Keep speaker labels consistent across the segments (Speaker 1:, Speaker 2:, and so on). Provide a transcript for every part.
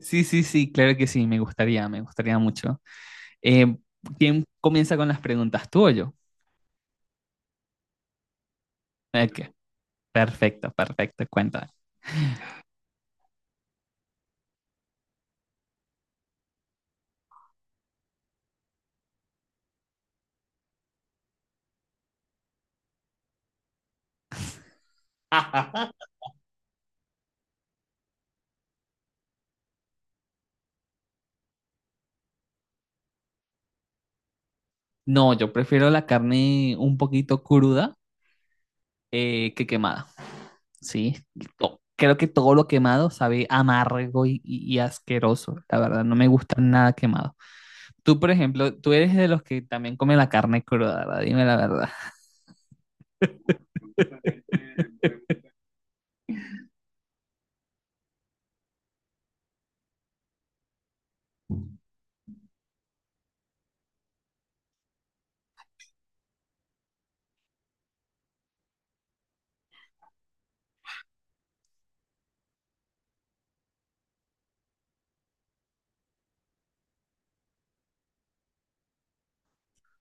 Speaker 1: Sí, sí, sí, claro que sí, me gustaría mucho. Eh, ¿Quién comienza con las preguntas? ¿Tú o yo? Ok, perfecto, perfecto, cuenta. No, yo prefiero la carne un poquito cruda, que quemada, ¿sí? Creo que todo lo quemado sabe amargo y asqueroso, la verdad, no me gusta nada quemado. Tú, por ejemplo, tú eres de los que también come la carne cruda, ¿verdad? Dime la verdad.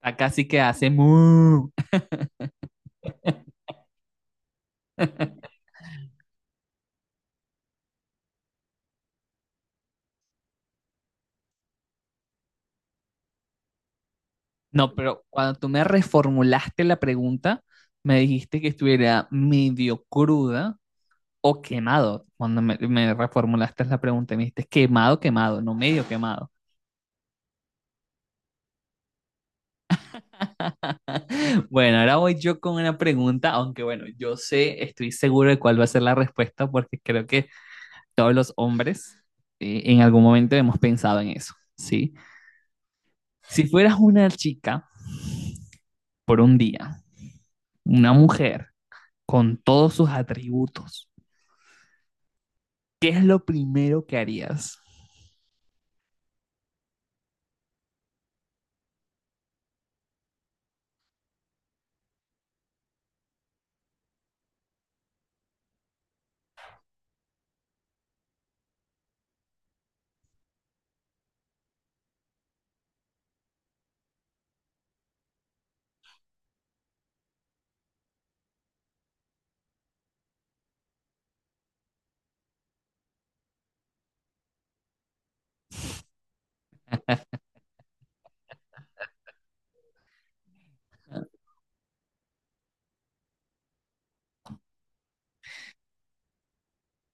Speaker 1: Acá sí que hace mu. No, pero cuando tú me reformulaste la pregunta, me dijiste que estuviera medio cruda o quemado. Cuando me reformulaste la pregunta, me dijiste quemado, quemado, no medio quemado. Bueno, ahora voy yo con una pregunta, aunque bueno, yo sé, estoy seguro de cuál va a ser la respuesta, porque creo que todos los hombres, en algún momento hemos pensado en eso, ¿sí? Si fueras una chica por un día, una mujer con todos sus atributos, ¿qué es lo primero que harías?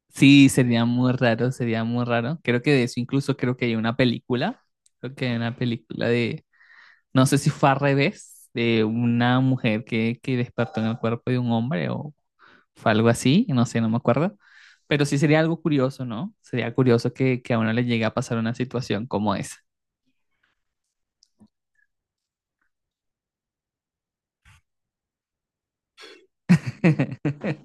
Speaker 1: Sí, sería muy raro, sería muy raro. Creo que de eso incluso creo que hay una película, creo que hay una película de, no sé si fue al revés, de una mujer que despertó en el cuerpo de un hombre o fue algo así, no sé, no me acuerdo. Pero sí sería algo curioso, ¿no? Sería curioso que a uno le llegue a pasar una situación como esa.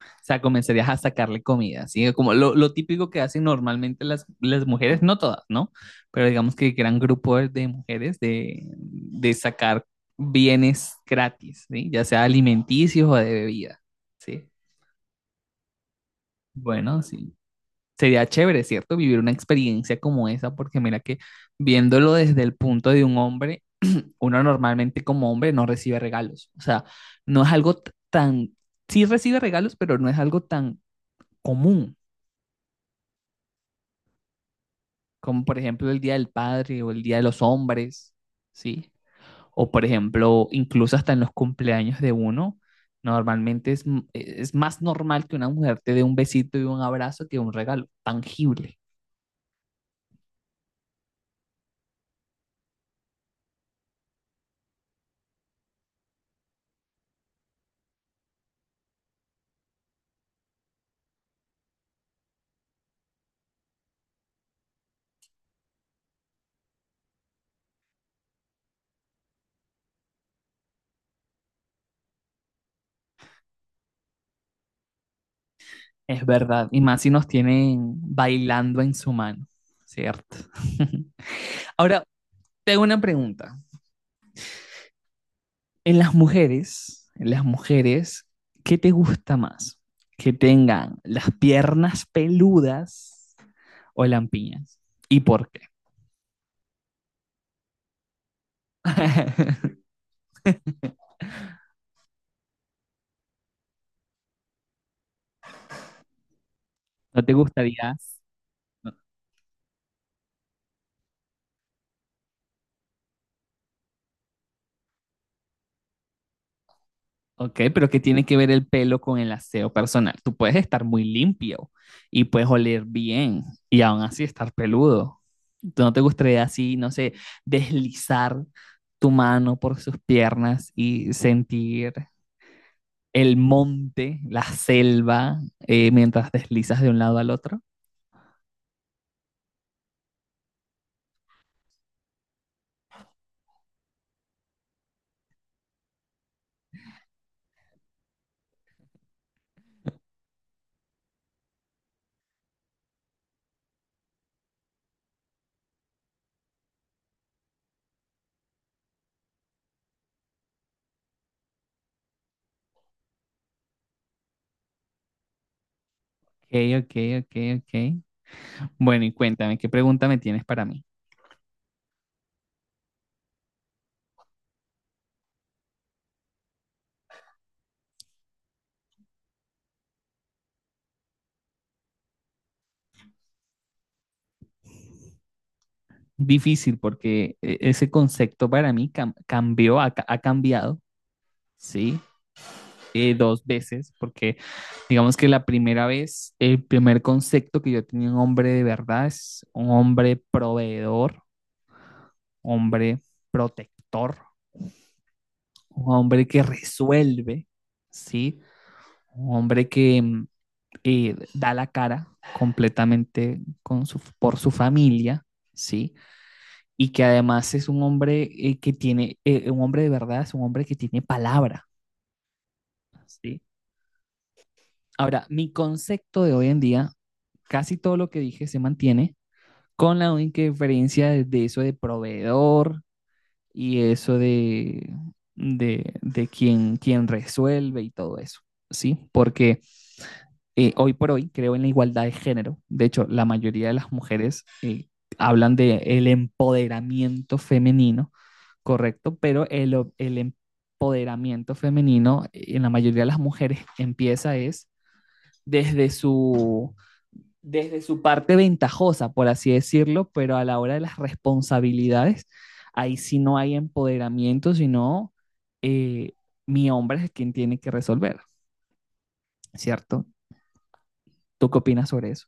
Speaker 1: O sea, comenzarías a sacarle comida, ¿sí? Como lo típico que hacen normalmente las mujeres, no todas, ¿no? Pero digamos que gran grupo de mujeres de sacar bienes gratis, ¿sí? Ya sea alimenticios o de bebida, ¿sí? Bueno, sí. Sería chévere, ¿cierto? Vivir una experiencia como esa, porque mira que viéndolo desde el punto de un hombre, uno normalmente como hombre no recibe regalos. O sea, no es algo tan, sí recibe regalos, pero no es algo tan común. Como por ejemplo el Día del Padre o el Día de los Hombres, ¿sí? O por ejemplo, incluso hasta en los cumpleaños de uno, normalmente es, es más normal que una mujer te dé un besito y un abrazo que un regalo tangible, es verdad, y más si nos tienen bailando en su mano, ¿cierto? Ahora, te hago una pregunta. En las mujeres, ¿qué te gusta más? ¿Que tengan las piernas peludas o lampiñas? ¿Y por qué? ¿No te gustaría? Ok, pero ¿qué tiene que ver el pelo con el aseo personal? Tú puedes estar muy limpio y puedes oler bien y aún así estar peludo. ¿Tú no te gustaría así, no sé, deslizar tu mano por sus piernas y sentir el monte, la selva, mientras deslizas de un lado al otro? Ok, ok, ok, ok. Bueno, y cuéntame, ¿qué pregunta me tienes para mí? Difícil, porque ese concepto para mí cambió, ha cambiado, ¿sí? Dos veces, porque digamos que la primera vez, el primer concepto que yo tenía un hombre de verdad es un hombre proveedor, hombre protector, un hombre que resuelve, ¿sí? Un hombre que da la cara completamente con su, por su familia, ¿sí?, y que además es un hombre que tiene, un hombre de verdad, es un hombre que tiene palabra, ¿sí? Ahora, mi concepto de hoy en día, casi todo lo que dije se mantiene, con la única diferencia de eso de proveedor y eso de quien, quien resuelve y todo eso, ¿sí? Porque hoy por hoy creo en la igualdad de género. De hecho, la mayoría de las mujeres hablan de el empoderamiento femenino correcto, pero el empoderamiento femenino en la mayoría de las mujeres empieza es desde su, desde su parte ventajosa, por así decirlo, pero a la hora de las responsabilidades, ahí sí no hay empoderamiento, sino eh, mi hombre es quien tiene que resolver, ¿cierto? ¿Tú qué opinas sobre eso?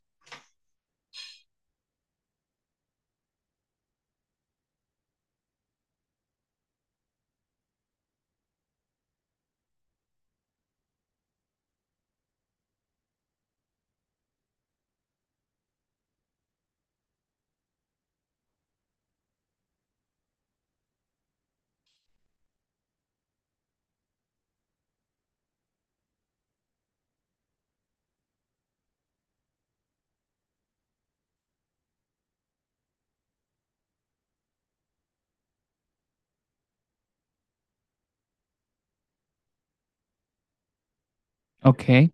Speaker 1: Ok,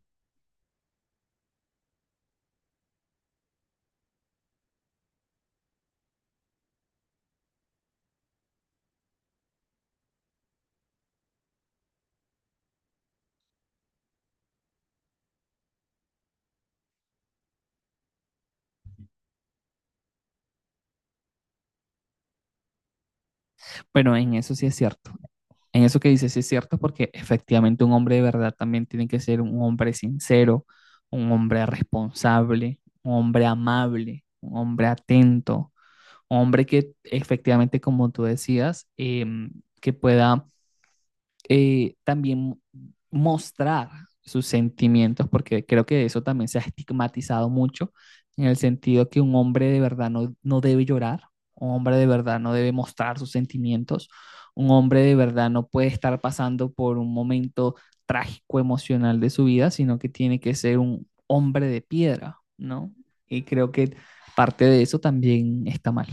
Speaker 1: pero en eso sí es cierto. En eso que dices sí es cierto, porque efectivamente un hombre de verdad también tiene que ser un hombre sincero, un hombre responsable, un hombre amable, un hombre atento, un hombre que efectivamente, como tú decías, que pueda, también mostrar sus sentimientos, porque creo que eso también se ha estigmatizado mucho, en el sentido que un hombre de verdad no, no debe llorar, un hombre de verdad no debe mostrar sus sentimientos, un hombre de verdad no puede estar pasando por un momento trágico emocional de su vida, sino que tiene que ser un hombre de piedra, ¿no? Y creo que parte de eso también está mal.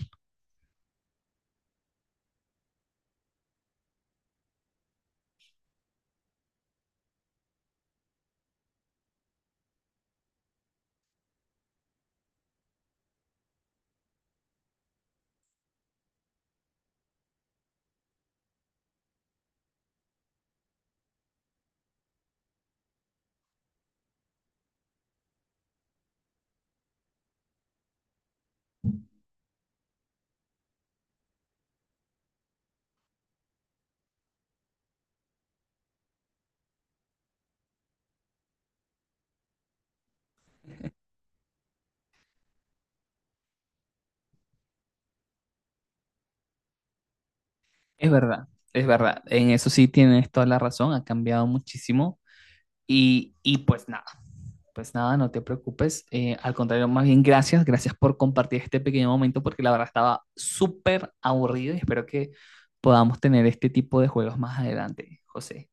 Speaker 1: Es verdad, es verdad. En eso sí tienes toda la razón, ha cambiado muchísimo. Y pues nada, no te preocupes. Al contrario, más bien gracias, gracias por compartir este pequeño momento porque la verdad estaba súper aburrido y espero que podamos tener este tipo de juegos más adelante, José.